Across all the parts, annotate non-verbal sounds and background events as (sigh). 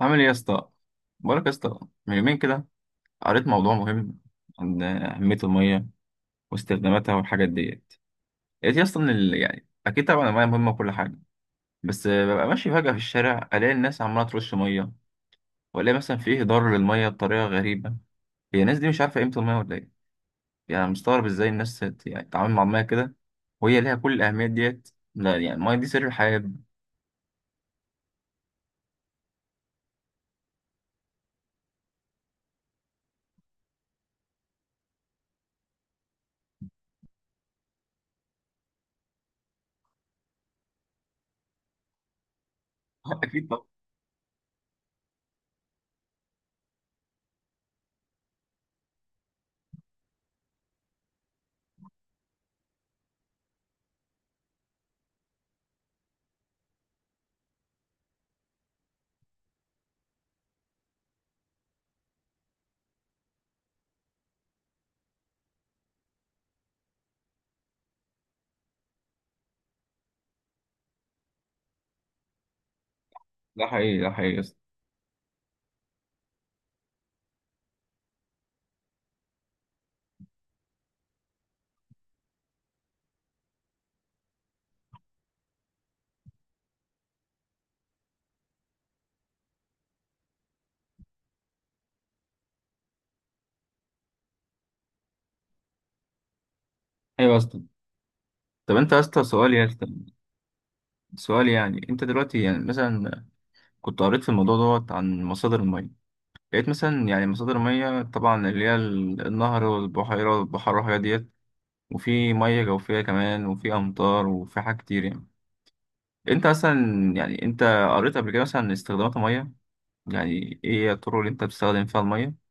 عامل ايه يا اسطى؟ بقولك يا اسطى، من يومين كده قريت موضوع مهم عن اهميه الميه واستخداماتها والحاجات ديت. لقيت يا اسطى ان يعني اكيد طبعا الميه مهمه وكل حاجه، بس ببقى ماشي فجاه في الشارع الاقي الناس عماله ترش ميه، والاقي مثلا في هدار للميه بطريقه غريبه. هي الناس دي مش عارفه قيمه الميه ولا ايه؟ يعني مستغرب ازاي الناس يعني تتعامل مع الميه كده وهي ليها كل الاهميه ديت. لا يعني الميه دي سر الحياه. (laughs) اكيد طبعا. ده حقيقي، ده حقيقي يا اسطى. ايوه يا اسطى. طب انت يا اسطى، سؤال يا اسطى، سؤال، يعني انت دلوقتي يعني مثلا كنت قريت في الموضوع دوت عن مصادر المية. لقيت مثلا يعني مصادر المية طبعا اللي هي النهر والبحيرة والبحر والحاجات ديت، وفي مية جوفية كمان وفي أمطار وفي حاجات كتير يعني. أنت مثلا يعني أنت قريت قبل كده مثلا استخدامات المية، يعني إيه هي الطرق اللي أنت بتستخدم فيها المية؟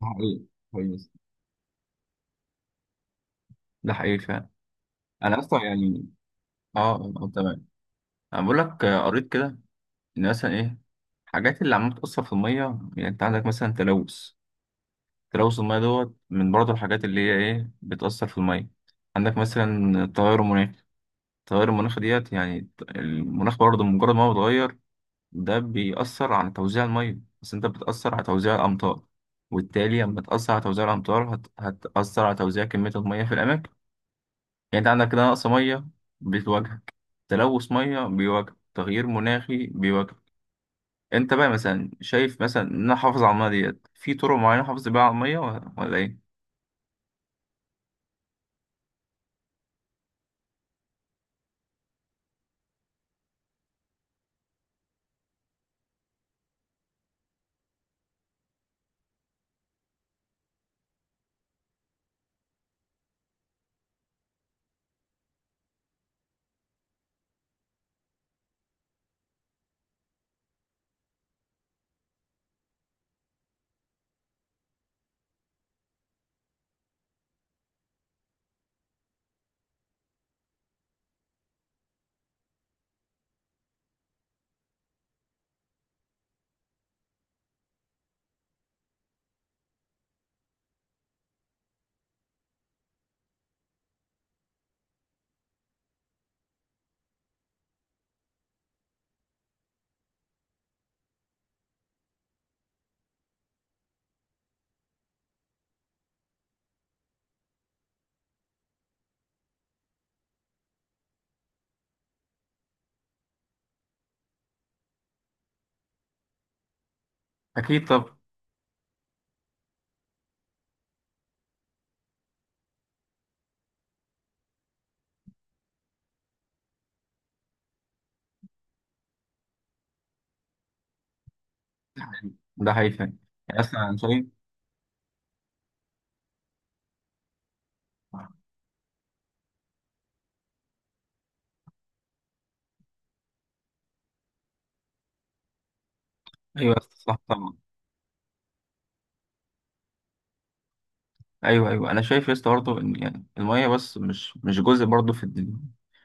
ده حقيقي، كويس. ده حقيقي فعلا. أنا أصلا يعني أه آه، تمام. أنا بقول لك، آه، قريت كده إن مثلا إيه الحاجات اللي عمالة بتأثر في المية. يعني أنت عندك مثلا تلوث، تلوث المية دوت من برضه الحاجات اللي هي إيه بتأثر في المية. عندك مثلا التغير المناخي، التغير المناخي ديت، يعني المناخ برضه مجرد ما هو بيتغير ده بيأثر على توزيع المية، بس أنت بتأثر على توزيع الأمطار، وبالتالي لما تأثر على توزيع الأمطار هتأثر على توزيع كمية المية في الأماكن. يعني أنت عندك كده نقص مية بتواجهك، تلوث مية بيواجهك، تغيير مناخي بيواجهك. أنت بقى مثلا شايف مثلا إن أنا أحافظ على المية ديت في طرق معينة أحافظ بيها على المية ولا إيه؟ أكيد طب. ده حقيقي فعلا. يعني اصلا انا شايف. ايوه يا اسطى، صح طبعا. ايوه، انا شايف يا اسطى برضه ان يعني الميه بس مش جزء برضه في الدنيا،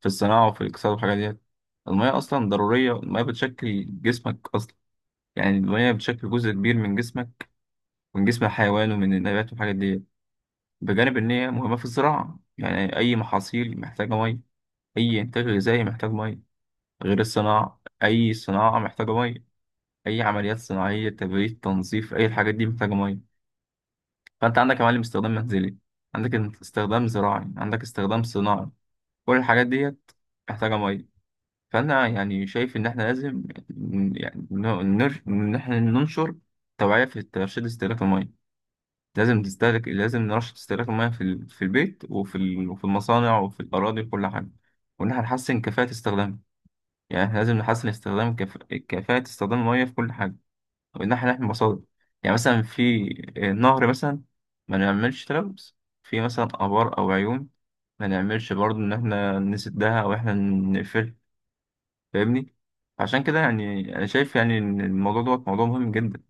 في الصناعه وفي الاقتصاد والحاجات ديت. الميه اصلا ضروريه، الميه بتشكل جسمك اصلا، يعني الميه بتشكل جزء كبير من جسمك، من جسم الحيوان ومن النبات والحاجات ديت. بجانب ان هي مهمه في الزراعه، يعني اي محاصيل محتاجه ميه، اي انتاج غذائي محتاج ميه. غير الصناعه، اي صناعه محتاجه ميه، اي عمليات صناعيه تبريد تنظيف اي الحاجات دي محتاجه ميه. فانت عندك يا معلم استخدام منزلي، عندك استخدام زراعي، عندك استخدام صناعي، كل الحاجات ديت محتاجة مية. فانا يعني شايف ان احنا لازم ان احنا ننشر توعية في ترشيد استهلاك المية. لازم تستهلك، لازم نرشد استهلاك المية في في البيت وفي وفي المصانع وفي الأراضي وكل حاجة، وإن احنا نحسن كفاءة استخدامها. يعني احنا لازم نحسن استخدام كفاءة استخدام المية في كل حاجة، من ناحية المصادر. يعني مثلا في نهر مثلا، ما نعملش تلوث. في مثلا آبار أو عيون، ما نعملش برضه إن إحنا نسدها أو إحنا نقفل، فاهمني. عشان كده يعني أنا شايف يعني إن الموضوع دوت موضوع مهم جدا.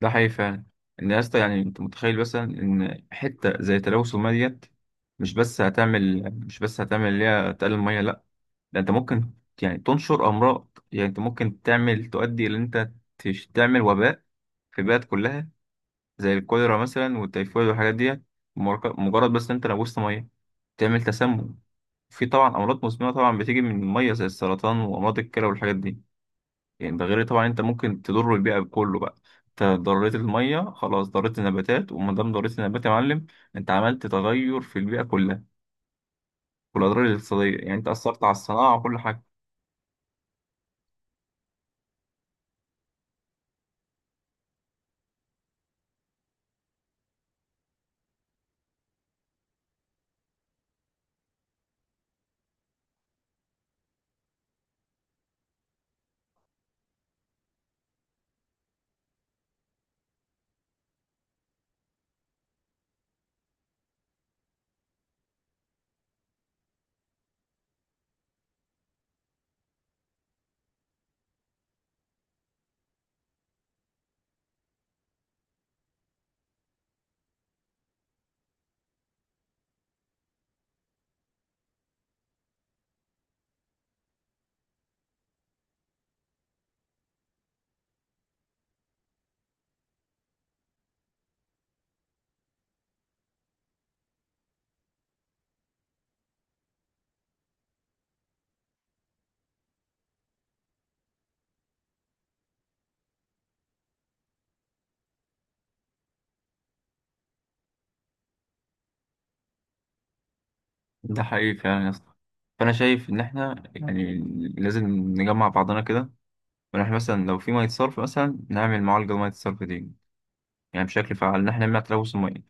ده حقيقي فعلا. إن يا اسطى يعني أنت متخيل مثلا إن حتة زي تلوث المياه ديت، مش بس هتعمل اللي هي تقلل المياه؟ لأ، ده أنت ممكن يعني تنشر أمراض، يعني أنت ممكن تعمل تؤدي إلى إن أنت تعمل وباء في البلد كلها، زي الكوليرا مثلا والتيفويد والحاجات دي. مجرد بس انت لبست ميه، تعمل تسمم. في طبعا امراض مزمنه طبعا بتيجي من الميه زي السرطان وامراض الكلى والحاجات دي. يعني ده غير طبعا انت ممكن تضر البيئه كله بقى. انت ضريت الميه خلاص، ضريت النباتات، وما دام ضريت النبات يا معلم انت عملت تغير في البيئه كلها، والاضرار الاقتصاديه، يعني انت اثرت على الصناعه وكل حاجه. ده حقيقي فعلا يا اسطى. فانا شايف ان احنا يعني لازم نجمع بعضنا كده، ونحن مثلا لو في ميه صرف مثلا نعمل معالجه لميه الصرف دي، يعني بشكل فعال إن إحنا نمنع تلوث المية.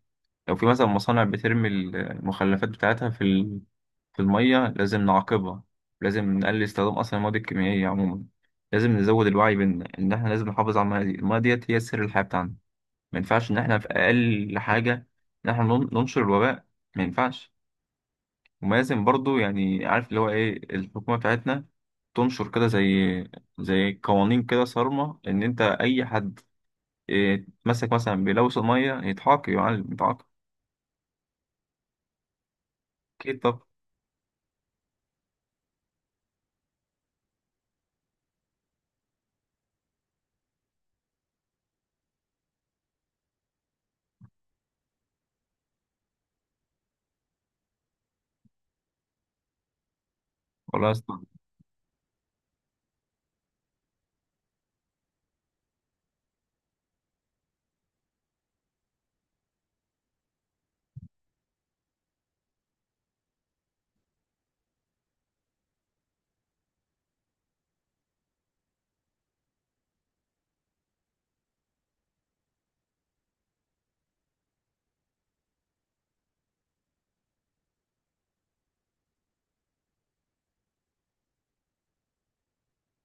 لو في مثلا مصانع بترمي المخلفات بتاعتها في في المية، لازم نعاقبها، لازم نقلل استخدام أصلا المواد الكيميائية عموما، لازم نزود الوعي بإن إن إحنا لازم نحافظ على المية دي. المية ديت هي سر الحياة بتاعنا، ما ينفعش إن إحنا في أقل حاجة إن إحنا ننشر الوباء. ما ينفعش. وما لازم برضه يعني عارف اللي هو إيه، الحكومة بتاعتنا تنشر كده زي قوانين كده صارمة إن أنت أي حد يتمسك مثلا بيلوث المية يتعاقب، يعالج يتعاقب. أكيد طب. والله يا اسطى.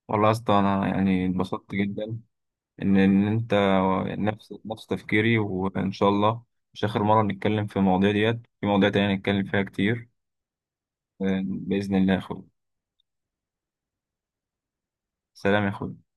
والله يا اسطى، أنا يعني اتبسطت جدا إن أنت نفس تفكيري، وإن شاء الله مش آخر مرة نتكلم في المواضيع ديت، في مواضيع تانية نتكلم فيها كتير. آه، بإذن الله يا أخوي. سلام يا أخوي.